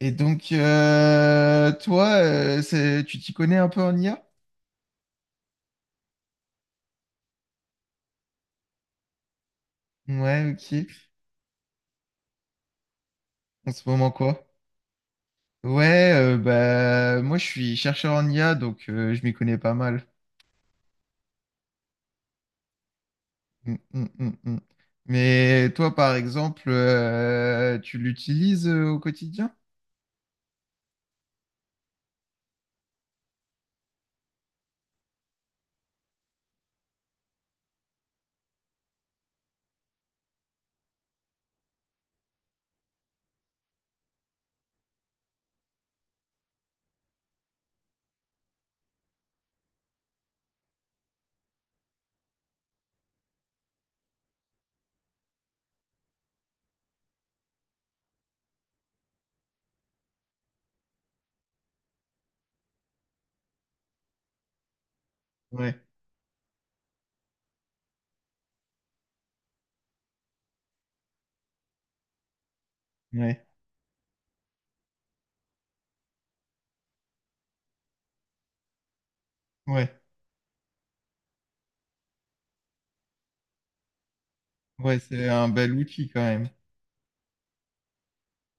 Toi, tu t'y connais un peu en IA? Ouais, ok. En ce moment, quoi? Moi, je suis chercheur en IA, donc je m'y connais pas mal. Mm, mm, mm, mm. Mais toi, par exemple, tu l'utilises au quotidien? Ouais, ouais, ouais. Ouais, c'est un bel outil quand même.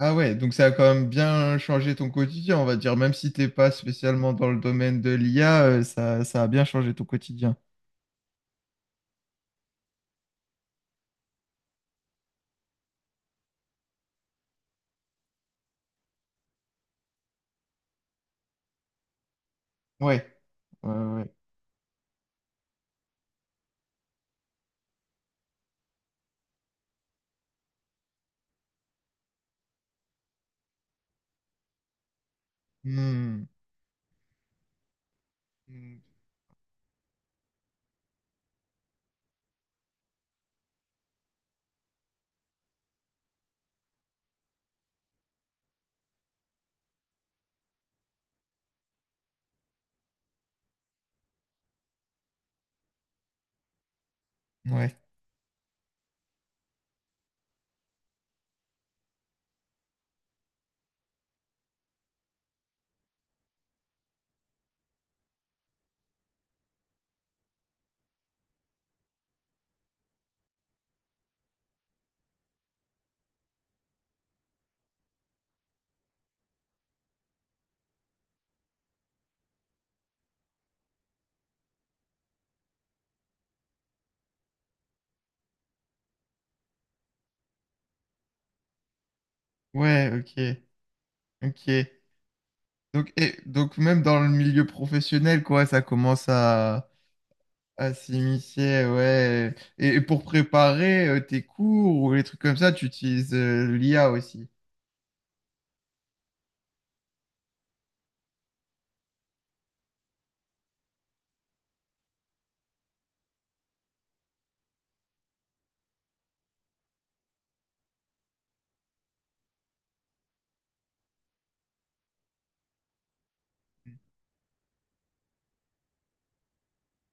Ah ouais, donc ça a quand même bien changé ton quotidien, on va dire. Même si t'es pas spécialement dans le domaine de l'IA, ça a bien changé ton quotidien. Ouais. Ouais, ouais. Hmm. Hmm. Ouais. Ouais, ok. Ok. Donc donc même dans le milieu professionnel, quoi, à s'immiscer, ouais. Et pour préparer tes cours ou les trucs comme ça, tu utilises l'IA aussi.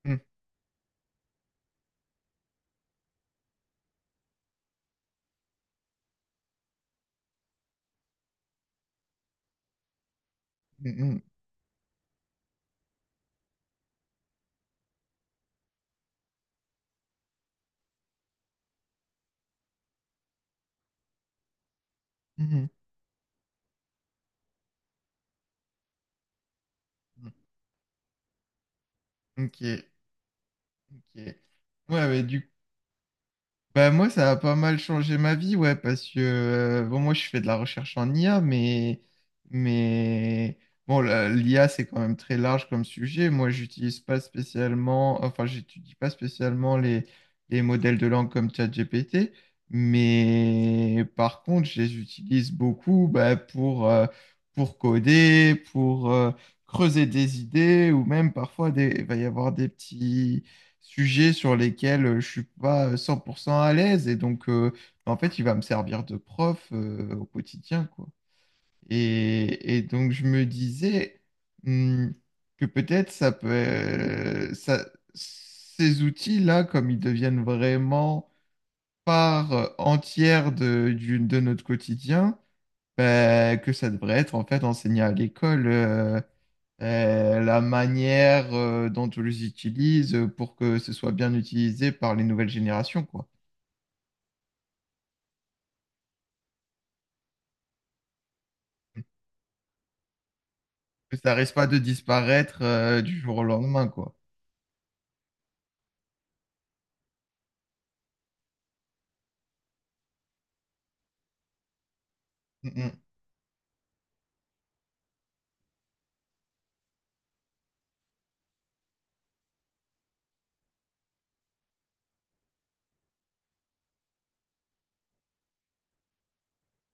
Hmm. Hmm, hmm, hmm. Ok. Ok. Ouais, mais du Bah moi, ça a pas mal changé ma vie, ouais, parce que bon, moi, je fais de la recherche en IA, mais bon, l'IA, c'est quand même très large comme sujet. Moi, j'utilise pas spécialement, enfin, j'étudie pas spécialement les modèles de langue comme ChatGPT, mais par contre, je les utilise beaucoup, bah, pour coder, pour creuser des idées, ou même parfois il va y avoir des petits sujets sur lesquels je suis pas 100% à l'aise. Et donc, en fait, il va me servir de prof au quotidien, quoi. Et donc, je me disais hmm, que peut-être ces outils-là, comme ils deviennent vraiment part entière de notre quotidien, ben, que ça devrait être en fait enseigné à l'école. La manière dont on les utilise pour que ce soit bien utilisé par les nouvelles générations, quoi. Que ça risque pas de disparaître du jour au lendemain, quoi. Mm, mm.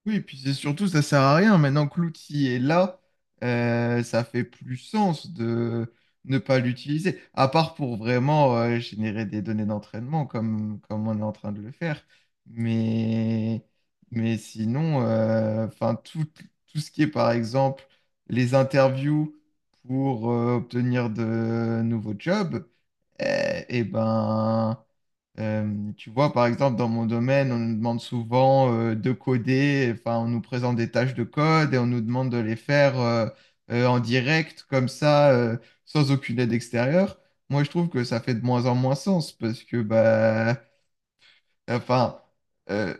Oui, et puis c'est surtout, ça sert à rien. Maintenant que l'outil est là, ça fait plus sens de ne pas l'utiliser, à part pour vraiment générer des données d'entraînement comme on est en train de le faire. Mais, mais sinon, tout ce qui est, par exemple, les interviews pour obtenir de nouveaux jobs, et ben, tu vois, par exemple, dans mon domaine, on nous demande souvent de coder, enfin, on nous présente des tâches de code et on nous demande de les faire en direct, comme ça, sans aucune aide extérieure. Moi, je trouve que ça fait de moins en moins sens parce que Enfin, euh,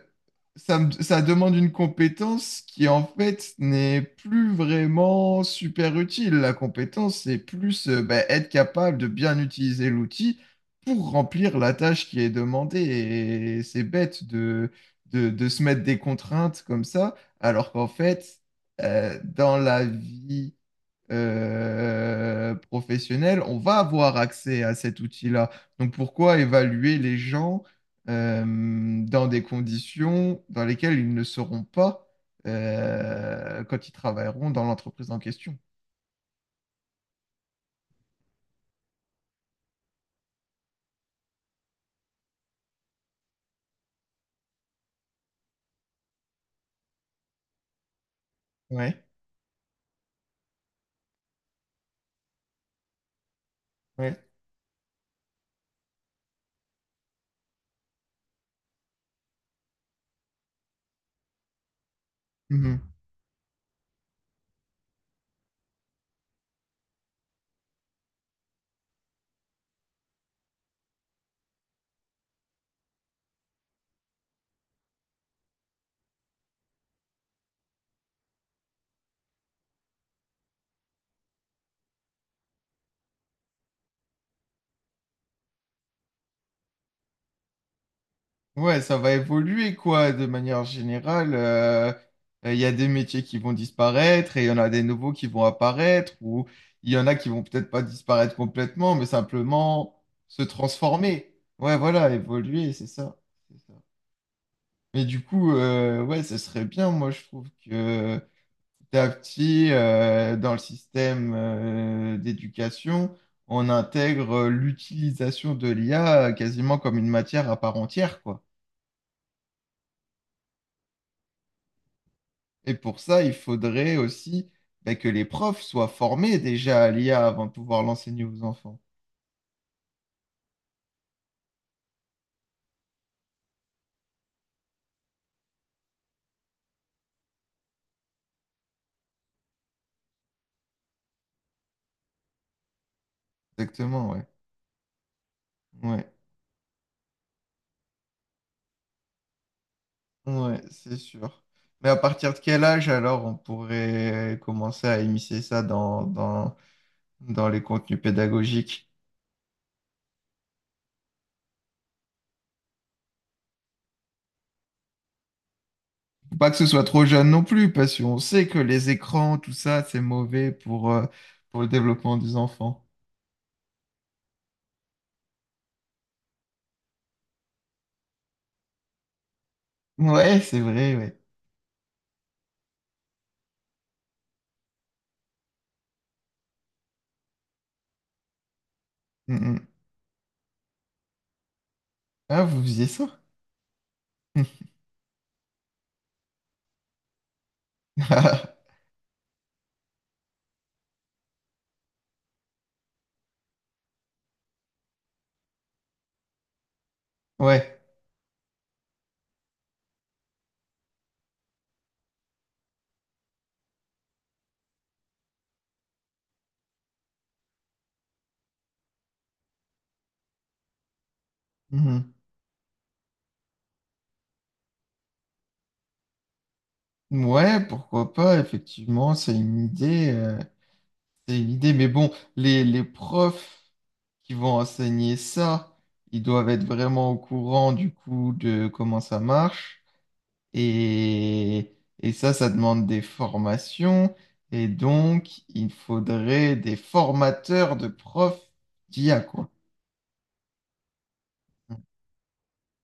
ça demande une compétence qui en fait n'est plus vraiment super utile. La compétence, c'est plus bah, être capable de bien utiliser l'outil pour remplir la tâche qui est demandée. Et c'est bête de se mettre des contraintes comme ça, alors qu'en fait, dans la vie professionnelle, on va avoir accès à cet outil-là. Donc pourquoi évaluer les gens euh, dans des conditions dans lesquelles ils ne seront pas quand ils travailleront dans l'entreprise en question? Ouais, ouais. Ouais, ça va évoluer quoi, de manière générale. Il y a des métiers qui vont disparaître et il y en a des nouveaux qui vont apparaître ou il y en a qui vont peut-être pas disparaître complètement, mais simplement se transformer. Ouais, voilà, évoluer, c'est ça. C'est ça. Mais du coup, ouais, ce serait bien, moi je trouve que petit à petit, dans le système d'éducation, on intègre l'utilisation de l'IA quasiment comme une matière à part entière, quoi. Et pour ça, il faudrait aussi bah, que les profs soient formés déjà à l'IA avant de pouvoir l'enseigner aux enfants. Exactement, ouais. Ouais, ouais, c'est sûr. Mais à partir de quel âge alors on pourrait commencer à immiscer ça dans les contenus pédagogiques? Faut Pas que ce soit trop jeune non plus, parce qu'on sait que les écrans, tout ça, c'est mauvais pour le développement des enfants. Ouais, c'est vrai, ouais. Mm, mm. Ah, vous faisiez ça? Ouais. Mmh. Ouais, pourquoi pas, effectivement, c'est une idée, mais bon, les profs qui vont enseigner ça, ils doivent être vraiment au courant du coup de comment ça marche, et ça demande des formations, et donc il faudrait des formateurs de profs d'IA quoi.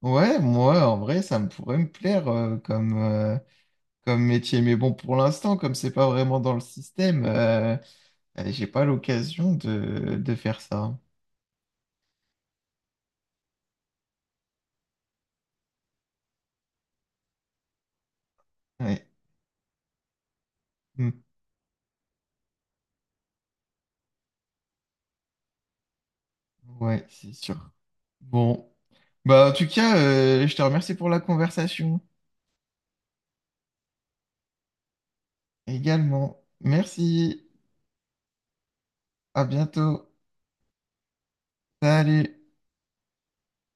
Ouais, moi, en vrai, ça me pourrait me plaire comme métier. Mais bon, pour l'instant, comme c'est pas vraiment dans le système, J'ai pas l'occasion de faire ça. Ouais, hmm. Ouais, c'est sûr. Bon. Bah, en tout cas, je te remercie pour la conversation également. Merci. À bientôt. Salut.